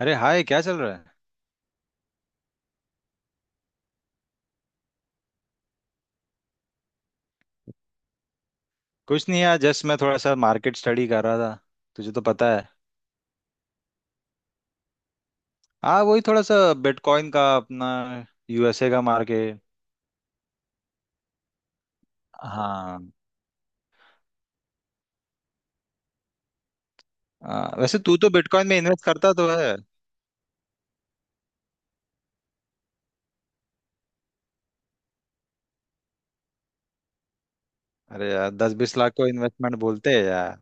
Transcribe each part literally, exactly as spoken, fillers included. अरे हाय, क्या चल रहा है? कुछ नहीं यार, जस्ट मैं थोड़ा सा मार्केट स्टडी कर रहा था। तुझे तो पता है। हाँ, वही थोड़ा सा बिटकॉइन का, अपना यूएसए का मार्केट। हाँ। आ, वैसे तू तो बिटकॉइन में इन्वेस्ट करता तो है। अरे यार, दस बीस लाख को इन्वेस्टमेंट बोलते हैं यार।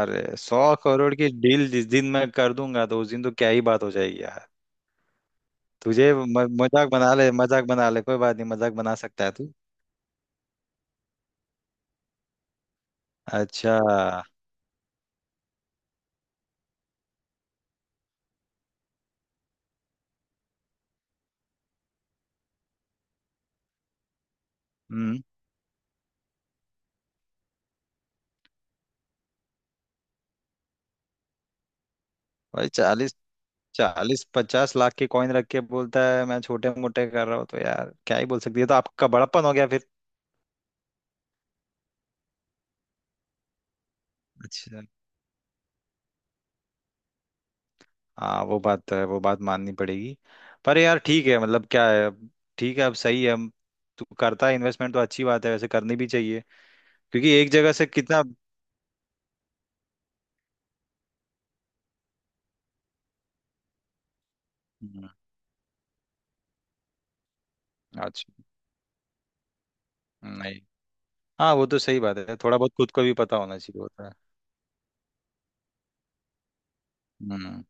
अरे सौ करोड़ की डील जिस दिन मैं कर दूंगा तो उस दिन तो क्या ही बात हो जाएगी यार। तुझे म, मजाक बना ले, मजाक बना ले, कोई बात नहीं, मजाक बना सकता है तू। अच्छा। हम्म। भाई चालीस चालीस पचास लाख के कॉइन रख के बोलता है मैं छोटे मोटे कर रहा हूँ, तो यार क्या ही बोल सकती है। तो आपका बड़प्पन हो गया फिर। अच्छा। हाँ, वो बात तो है, वो बात माननी पड़ेगी। पर यार ठीक है, मतलब क्या है अब। ठीक है, अब सही है। हम- तू करता है इन्वेस्टमेंट तो अच्छी बात है, वैसे करनी भी चाहिए। क्योंकि एक जगह से कितना। हम्म। अच्छा। नहीं, हाँ वो तो सही बात है, थोड़ा बहुत खुद को भी पता होना चाहिए होता है। हम्म।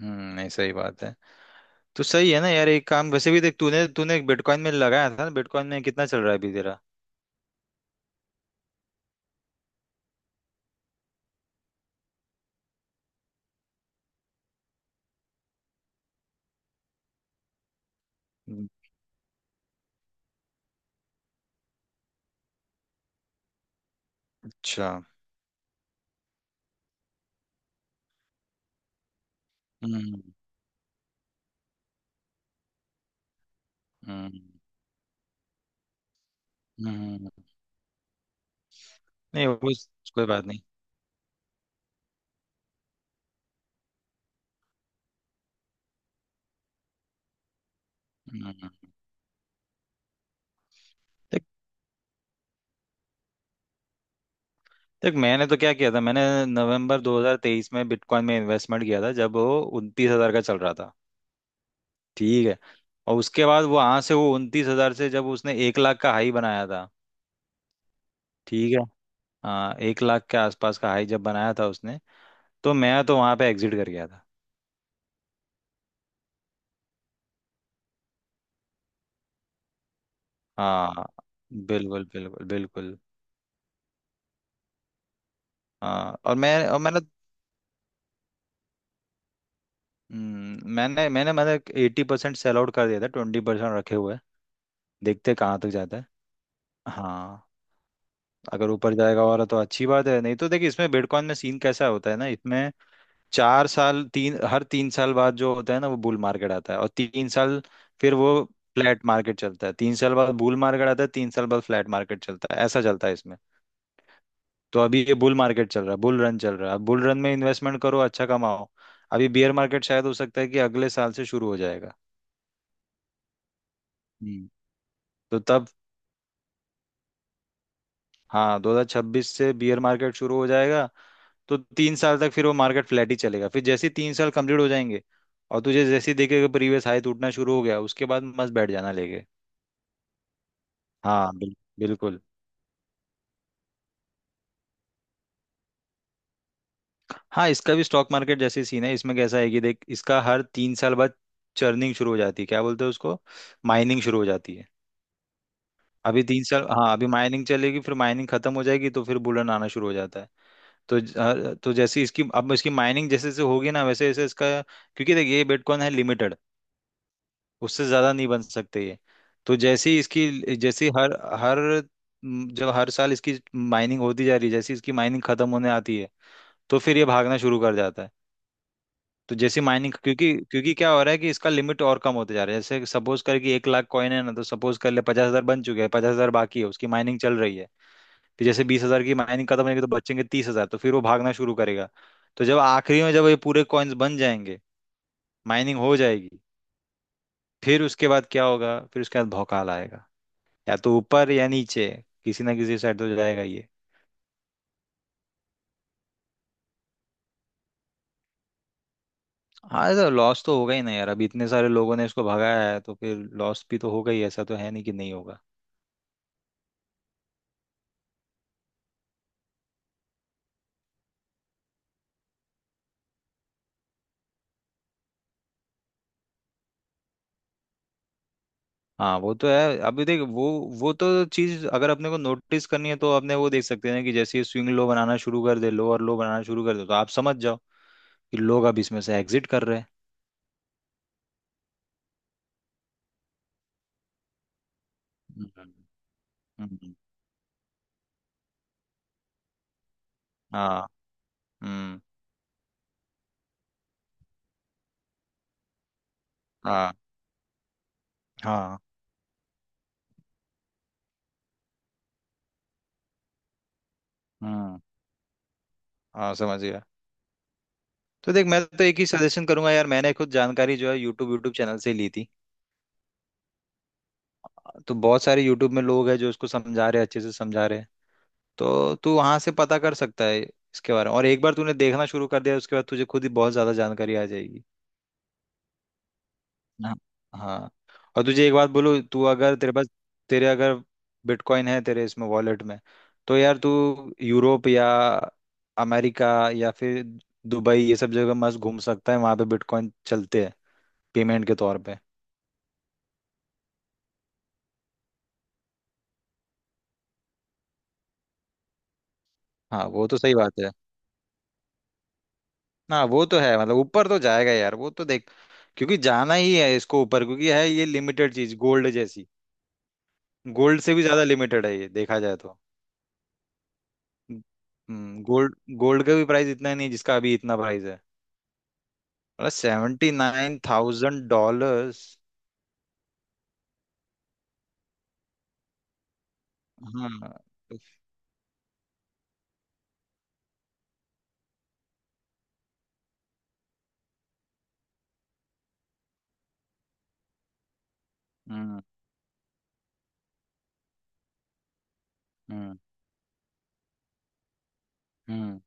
हम्म, नहीं सही बात है। तो सही है ना यार, एक काम वैसे भी देख, तूने तूने बिटकॉइन में लगाया था ना, बिटकॉइन में कितना चल रहा है अभी तेरा? अच्छा। हम्म। हम्म। हम्म, नहीं वो इस- कोई बात नहीं। हम्म। देख देख मैंने तो क्या किया था, मैंने नवंबर दो हज़ार तेईस में बिटकॉइन में इन्वेस्टमेंट किया था जब वो उनतीस हजार का चल रहा था। ठीक है। और उसके बाद वो वहां से, वो उनतीस हजार से जब उसने एक लाख का हाई बनाया था। ठीक है। हाँ, एक लाख के आसपास का हाई जब बनाया था उसने, तो मैं तो वहां पे एग्जिट कर गया था। हाँ, बिल्कुल बिल्कुल बिल्कुल। हाँ, और मैं और मैंने हम्म, मैंने मैंने मतलब एट्टी परसेंट सेल आउट कर दिया था, ट्वेंटी परसेंट रखे हुए हैं। देखते हैं कहाँ तक जाता है। हाँ, अगर ऊपर जाएगा और तो अच्छी बात है, नहीं तो देखिए, इसमें बिटकॉइन में सीन कैसा होता है ना, इसमें चार साल तीन हर तीन साल बाद जो होता है ना, वो बुल मार्केट आता है, और तीन साल फिर वो फ्लैट मार्केट चलता है, तीन साल बाद बुल मार्केट आता है, तीन साल बाद फ्लैट मार्केट चलता है, ऐसा चलता है इसमें। तो अभी ये बुल मार्केट चल रहा है, बुल रन चल रहा है। अब बुल रन में इन्वेस्टमेंट करो, अच्छा कमाओ। अभी बेयर मार्केट शायद हो सकता है कि अगले साल से शुरू हो जाएगा। हम्म। तो तब, हाँ दो हज़ार छब्बीस से बियर मार्केट शुरू हो जाएगा। तो तीन साल तक फिर वो मार्केट फ्लैट ही चलेगा, फिर जैसे ही तीन साल कंप्लीट हो जाएंगे और तुझे जैसे ही देखेगा प्रीवियस हाई टूटना शुरू हो गया, उसके बाद मस्त बैठ जाना लेके। हाँ बिल, बिल्कुल। हाँ, इसका भी स्टॉक मार्केट जैसे सीन है। इसमें कैसा है कि देख, इसका हर तीन साल बाद चर्निंग शुरू हो जाती है, क्या बोलते हैं उसको, माइनिंग शुरू हो जाती है। अभी तीन साल हाँ अभी माइनिंग चलेगी, फिर माइनिंग खत्म हो जाएगी तो फिर बुलन आना शुरू हो जाता है। तो ज- अ, तो जैसे इसकी अब इसकी माइनिंग जैसे जैसे होगी ना, वैसे वैसे इसका, क्योंकि देखिए ये बिटकॉइन है लिमिटेड, उससे ज्यादा नहीं बन सकते ये। तो जैसे ही इसकी, जैसे हर हर म, जब हर साल इसकी माइनिंग होती जा रही है, जैसे ही इसकी माइनिंग खत्म होने आती है तो फिर ये भागना शुरू कर जाता है। तो जैसे माइनिंग, क्योंकि क्योंकि क्या हो रहा है कि इसका लिमिट और कम होते जा रहा है। जैसे सपोज कर कि एक लाख कॉइन है ना, तो सपोज कर ले पचास हजार बन चुके हैं, पचास हजार बाकी है, उसकी माइनिंग चल रही है। फिर जैसे बीस हजार की माइनिंग खत्म होगी तो बचेंगे तीस हजार, तो फिर वो भागना शुरू करेगा। तो जब आखिरी में जब ये पूरे कॉइन्स बन जाएंगे, माइनिंग हो जाएगी, फिर उसके बाद क्या होगा, फिर उसके बाद भौकाल आएगा। या तो ऊपर या नीचे, किसी ना किसी साइड तो जाएगा ये। हाँ तो लॉस तो होगा ही ना यार, अब इतने सारे लोगों ने इसको भगाया है तो फिर लॉस भी तो होगा ही, ऐसा तो है नहीं कि नहीं होगा। हाँ वो तो है। अभी देख, वो वो तो चीज अगर अपने को नोटिस करनी है तो अपने वो देख सकते हैं कि जैसे ही स्विंग लो बनाना शुरू कर दे, लो और लो बनाना शुरू कर दे, तो आप समझ जाओ कि लोग अब इसमें से एग्जिट कर रहे हैं। हम्म। हम्म। हाँ। हम्म। हाँ। हाँ। हम्म। हाँ समझ गया। तो देख, मैं तो एक ही सजेशन करूंगा यार, मैंने खुद जानकारी जो है यूट्यूब यूट्यूब चैनल से ली थी। तो बहुत सारे यूट्यूब में लोग हैं जो उसको समझा रहे हैं, अच्छे से समझा रहे हैं। तो तू वहां से पता कर सकता है इसके बारे में, और एक बार तूने देखना शुरू कर दिया उसके बाद तुझे खुद ही बहुत ज्यादा जानकारी आ जाएगी। हाँ। हाँ। और तुझे एक बात बोलूँ, तू अगर, तेरे पास, तेरे अगर बिटकॉइन है तेरे इसमें वॉलेट में, तो यार तू यूरोप या अमेरिका या फिर दुबई ये सब जगह मस्त घूम सकता है, वहां पे बिटकॉ�इन चलते हैं पेमेंट के तौर पे। हाँ वो तो सही बात है। ना वो तो है, मतलब ऊपर तो जाएगा यार वो तो देख, क्योंकि जाना ही है इसको ऊपर, क्योंकि है ये लिमिटेड चीज, गोल्ड जैसी। गोल्ड से भी ज्यादा लिमिटेड है ये देखा जाए तो। हम्म, गोल्ड गोल्ड का भी प्राइस इतना नहीं है जिसका अभी इतना प्राइस है। मतलब सेवेंटी नाइन थाउजेंड डॉलर्स। हाँ। हम्म। हम्म। हम्म।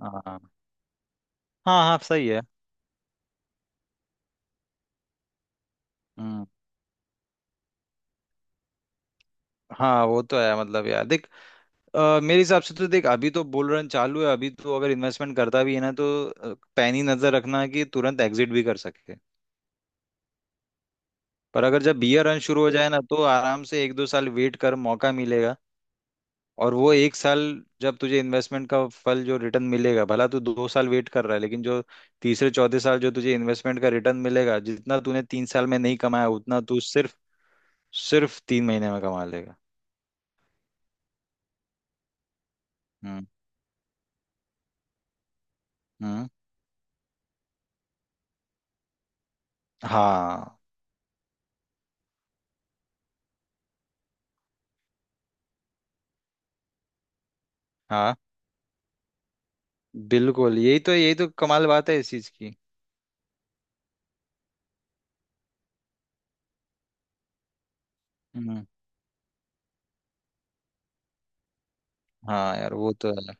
हाँ। हाँ। हाँ सही है। हम्म। हाँ वो तो है। मतलब यार देख, अ, मेरे हिसाब से तो देख, अभी तो बुल रन चालू है, अभी तो अगर इन्वेस्टमेंट करता भी है ना तो अ, पैनी नजर रखना कि तुरंत एग्जिट भी कर सके। पर अगर जब बियर रन शुरू हो जाए ना, तो आराम से एक दो साल वेट कर, मौका मिलेगा। और वो एक साल, जब तुझे इन्वेस्टमेंट का फल जो रिटर्न मिलेगा, भला तू दो साल वेट कर रहा है लेकिन जो तीसरे चौथे साल जो तुझे इन्वेस्टमेंट का रिटर्न मिलेगा, जितना तूने तीन साल में नहीं कमाया उतना तू सिर्फ सिर्फ तीन महीने में कमा लेगा। हम्म। हम्म। हाँ हाँ, बिल्कुल, यही तो, यही तो कमाल बात है इस चीज की। हम्म। हाँ यार वो तो है,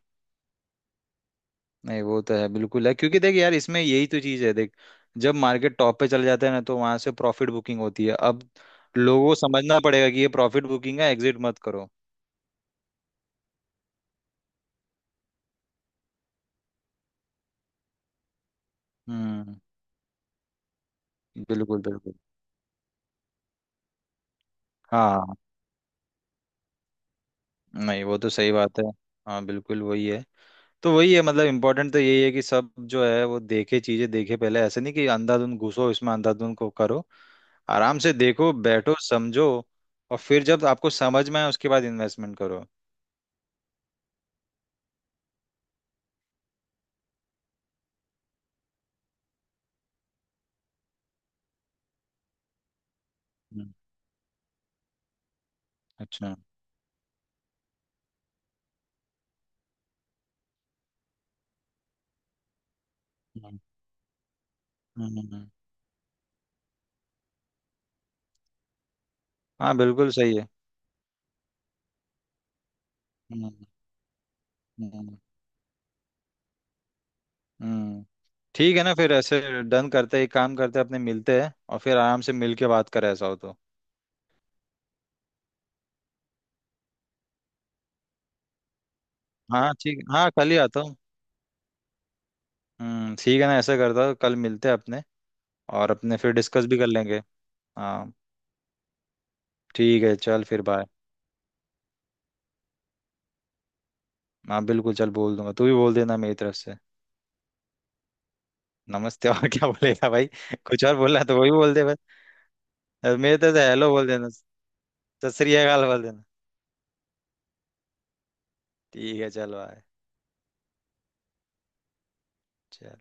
नहीं वो तो है बिल्कुल है, क्योंकि देख यार इसमें यही तो चीज है देख, जब मार्केट टॉप पे चले जाते हैं ना तो वहां से प्रॉफिट बुकिंग होती है। अब लोगों को समझना पड़ेगा कि ये प्रॉफिट बुकिंग है, एग्जिट मत करो। हम्म। बिल्कुल बिल्कुल। हाँ। नहीं वो तो सही बात है। हाँ बिल्कुल वही है। तो वही है, मतलब इम्पोर्टेंट तो यही है कि सब जो है वो देखे, चीजें देखे पहले, ऐसे नहीं कि अंधाधुंध घुसो इसमें, अंधाधुंध को करो। आराम से देखो, बैठो, समझो, और फिर जब आपको समझ में आए उसके बाद इन्वेस्टमेंट करो। अच्छा। हम्म। हम्म। हाँ बिल्कुल सही है। हम्म। हम्म। हम्म। ठीक है ना, फिर ऐसे डन करते हैं, एक काम करते हैं, अपने मिलते हैं और फिर आराम से मिल के बात करें, ऐसा हो तो। हाँ ठीक, हाँ कल ही आता हूँ। हम्म ठीक है ना, ऐसा करता हूँ, कल मिलते हैं अपने, और अपने फिर डिस्कस भी कर लेंगे। हाँ। ठीक है, चल फिर बाय। हाँ बिल्कुल, चल बोल दूंगा, तू भी बोल देना मेरी तरफ से। नमस्ते और क्या बोलेगा भाई, कुछ और बोलना है तो वही बोल दे बस। मेरी तरफ से हेलो बोल देना। सत श्री अकाल बोल देना। ठीक है, चल बाय। चल।